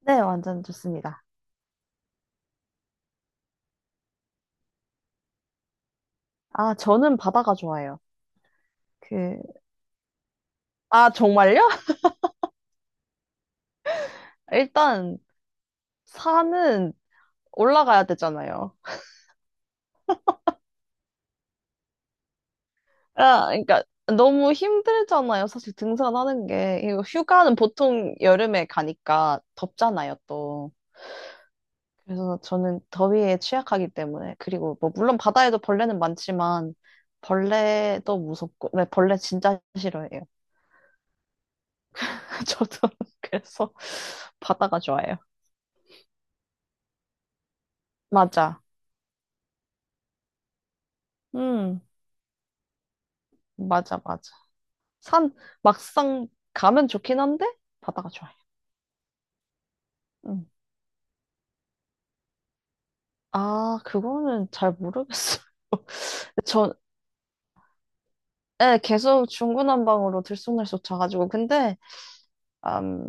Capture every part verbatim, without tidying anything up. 네, 완전 좋습니다. 아, 저는 바다가 좋아요. 그, 아, 정말요? 일단, 산은 올라가야 되잖아요. 아, 그러니까, 너무 힘들잖아요. 사실 등산하는 게. 이거 휴가는 보통 여름에 가니까 덥잖아요, 또. 그래서 저는 더위에 취약하기 때문에. 그리고 뭐, 물론 바다에도 벌레는 많지만, 벌레도 무섭고, 네, 벌레 진짜 싫어해요. 저도 그래서 바다가 좋아요. 맞아. 음, 맞아, 맞아. 산 막상 가면 좋긴 한데 바다가 좋아요. 음. 아, 그거는 잘 모르겠어요. 전 예, 계속 중구난방으로 들쑥날쑥 자가지고 근데 음,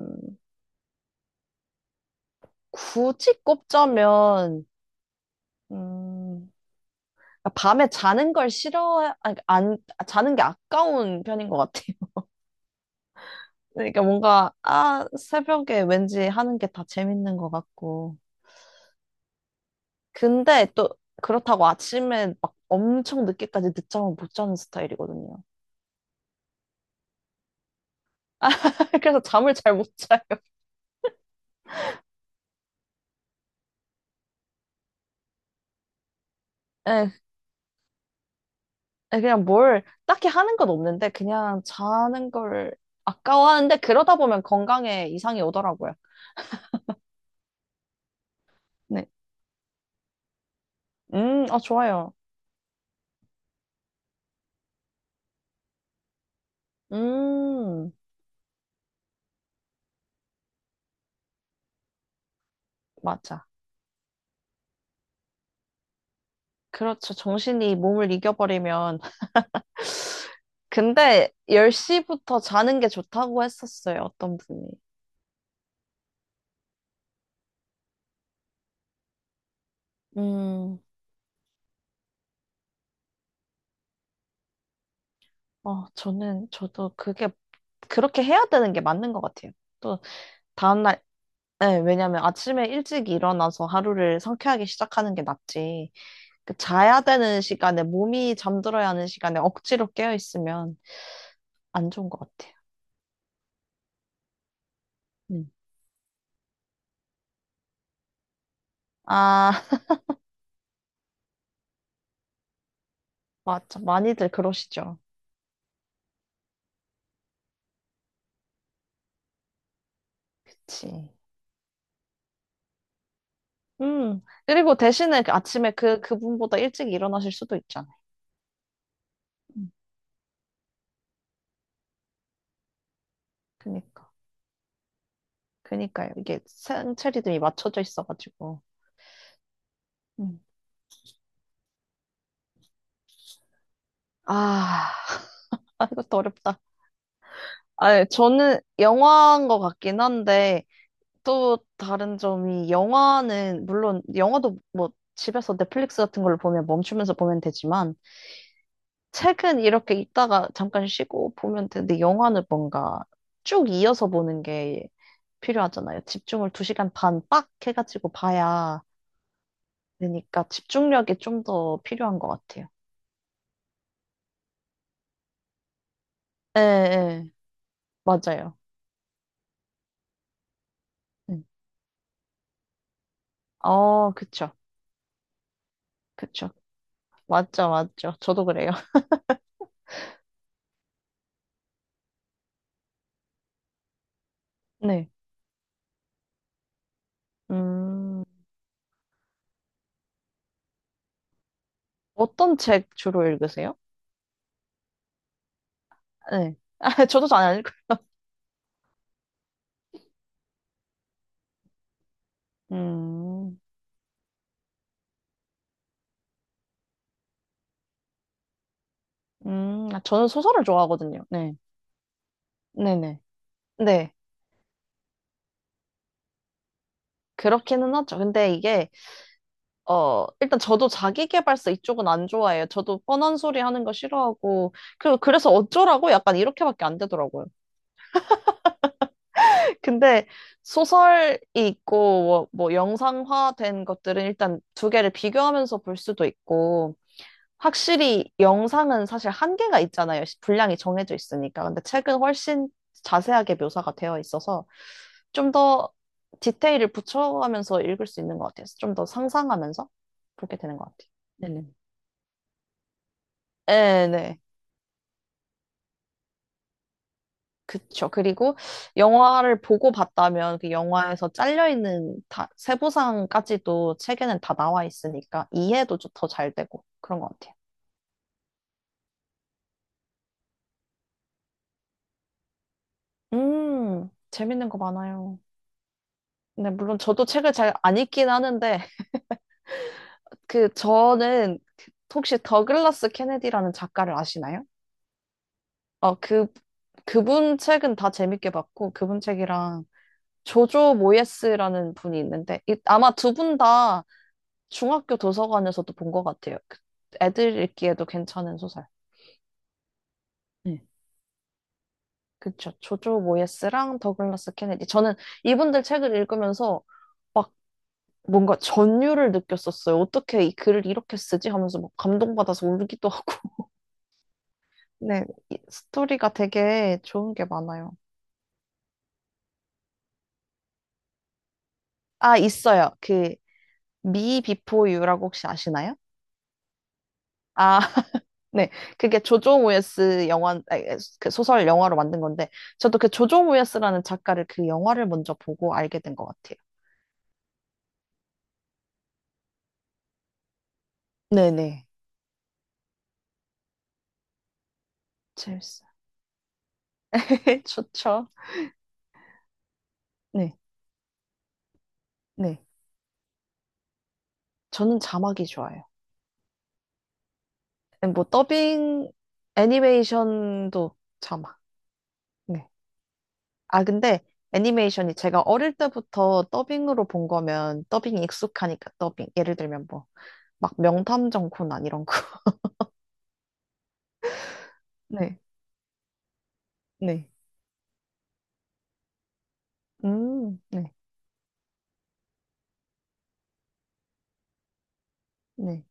굳이 꼽자면 음, 밤에 자는 걸 싫어 아니, 그러니까 안 자는 게 아까운 편인 것 같아요. 그러니까 뭔가 아 새벽에 왠지 하는 게 다 재밌는 것 같고 근데 또 그렇다고 아침에 막 엄청 늦게까지 늦잠을 못 자는 스타일이거든요. 그래서 잠을 잘 못 자요. 예, 예, 그냥 뭘 딱히 하는 건 없는데 그냥 자는 걸 아까워하는데 그러다 보면 건강에 이상이 오더라고요. 네. 음, 아, 좋아요. 음, 맞아. 그렇죠. 정신이 몸을 이겨버리면. 근데 열 시부터 자는 게 좋다고 했었어요. 어떤 분이. 음, 어, 저는, 저도 그게, 그렇게 해야 되는 게 맞는 것 같아요. 또, 다음날 네, 왜냐면 아침에 일찍 일어나서 하루를 상쾌하게 시작하는 게 낫지. 그 자야 되는 시간에, 몸이 잠들어야 하는 시간에 억지로 깨어 있으면 안 좋은 것 같아요. 음. 아, 맞아. 많이들 그러시죠. 그치. 음. 그리고 대신에 그 아침에 그, 그분보다 일찍 일어나실 수도 있잖아요. 음. 그니까. 그니까요. 이게 생체 리듬이 맞춰져 있어가지고. 음. 아, 아, 이것도 어렵다. 아, 예, 저는 영화인 것 같긴 한데, 또 다른 점이 영화는 물론 영화도 뭐 집에서 넷플릭스 같은 걸 보면 멈추면서 보면 되지만 책은 이렇게 있다가 잠깐 쉬고 보면 되는데 영화는 뭔가 쭉 이어서 보는 게 필요하잖아요. 집중을 두 시간 반 빡 해가지고 봐야 되니까 집중력이 좀 더 필요한 것 같아요. 예, 예, 맞아요. 음. 어, 그쵸, 그쵸. 맞죠, 맞죠. 저도 그래요. 네. 음, 어떤 책 주로 읽으세요? 네. 아, 저도 잘 안 읽어요. 음, 음, 아, 저는 소설을 좋아하거든요. 네. 네네. 네. 그렇기는 하죠. 근데 이게, 어, 일단 저도 자기계발서 이쪽은 안 좋아해요. 저도 뻔한 소리 하는 거 싫어하고, 그, 그래서 어쩌라고? 약간 이렇게밖에 안 되더라고요. 근데 소설이 있고, 뭐, 뭐 영상화된 것들은 일단 두 개를 비교하면서 볼 수도 있고, 확실히 영상은 사실 한계가 있잖아요. 시- 분량이 정해져 있으니까. 근데 책은 훨씬 자세하게 묘사가 되어 있어서 좀 더 디테일을 붙여가면서 읽을 수 있는 것 같아요. 좀 더 상상하면서 보게 되는 것 같아요. 네네. 네네. 그쵸. 그리고 영화를 보고 봤다면 그 영화에서 잘려있는 다, 세부상까지도 책에는 다 나와 있으니까 이해도 더 잘 되고 그런 것 같아요. 음, 재밌는 거 많아요. 네, 물론 저도 책을 잘 안 읽긴 하는데, 그, 저는, 혹시 더글라스 케네디라는 작가를 아시나요? 어, 그, 그분 책은 다 재밌게 봤고, 그분 책이랑 조조 모예스라는 분이 있는데, 이- 아마 두 분 다 중학교 도서관에서도 본 것 같아요. 그 애들 읽기에도 괜찮은 소설. 네. 그쵸. 조조 모예스랑 더글라스 케네디. 저는 이분들 책을 읽으면서 막 뭔가 전율을 느꼈었어요. 어떻게 이 글을 이렇게 쓰지? 하면서 막 감동받아서 울기도 하고. 네, 이- 스토리가 되게 좋은 게 많아요. 아, 있어요. 그, Me Before You라고 혹시 아시나요? 아, 네. 그게 조조 우에스 영화, 아니, 그 소설 영화로 만든 건데, 저도 그 조조 우에스라는 작가를 그 영화를 먼저 보고 알게 된 것 같아요. 네네. 재밌어요. 좋죠. 네, 네. 저는 자막이 좋아요. 뭐, 더빙, 애니메이션도 자막. 네. 아, 근데 애니메이션이 제가 어릴 때부터 더빙으로 본 거면 더빙이 익숙하니까 더빙. 예를 들면 뭐, 막 명탐정 코난 이런 거. 네, 네. 음, 네, 네.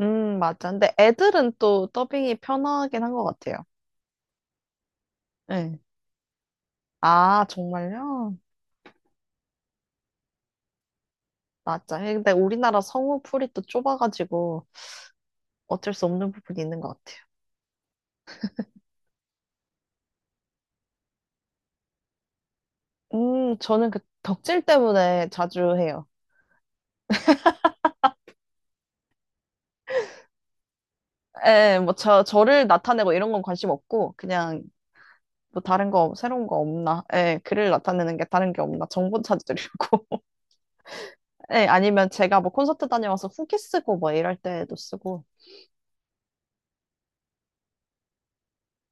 음, 맞아. 근데 애들은 또 더빙이 편하긴 한 것 같아요. 네. 아, 정말요? 맞아. 근데 우리나라 성우풀이 또 좁아가지고 어쩔 수 없는 부분이 있는 것 같아요. 음, 저는 그 덕질 때문에 자주 해요. 예, 뭐, 저, 저를 나타내고 이런 건 관심 없고, 그냥 뭐 다른 거 새로운 거 없나? 예, 글을 나타내는 게 다른 게 없나? 정보 찾으려고. 예, 아니면 제가 뭐 콘서트 다녀와서 후기 쓰고 뭐 이럴 때도 쓰고.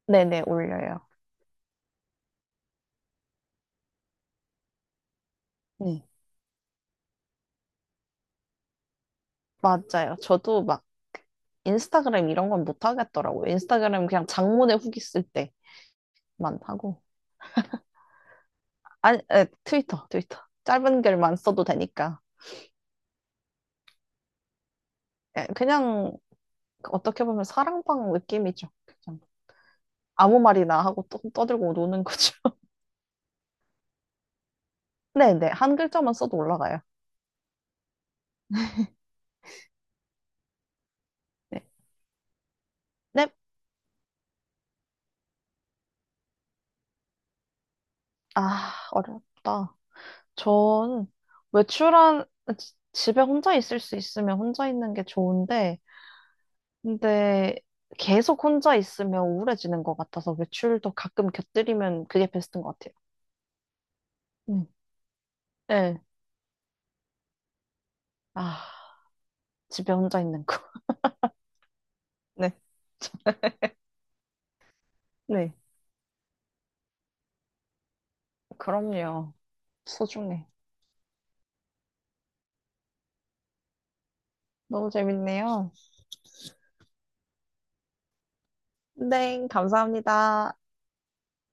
네네, 올려요. 네, 맞아요. 저도 막 인스타그램 이런 건 못 하겠더라고요. 인스타그램 그냥 장문의 후기 쓸 때만 하고. 아니, 예, 트위터, 트위터. 짧은 글만 써도 되니까. 예, 그냥 어떻게 보면 사랑방 느낌이죠. 그냥 아무 말이나 하고 떠, 떠들고 노는 거죠. 네네, 한 글자만 써도 올라가요. 네. 넵. 아, 어렵다. 전 외출한, 지- 집에 혼자 있을 수 있으면 혼자 있는 게 좋은데, 근데 계속 혼자 있으면 우울해지는 것 같아서 외출도 가끔 곁들이면 그게 베스트인 것 같아요. 음. 네. 아, 집에 혼자 있는 거. 네. 네. 그럼요. 소중해. 너무 재밌네요. 네, 감사합니다.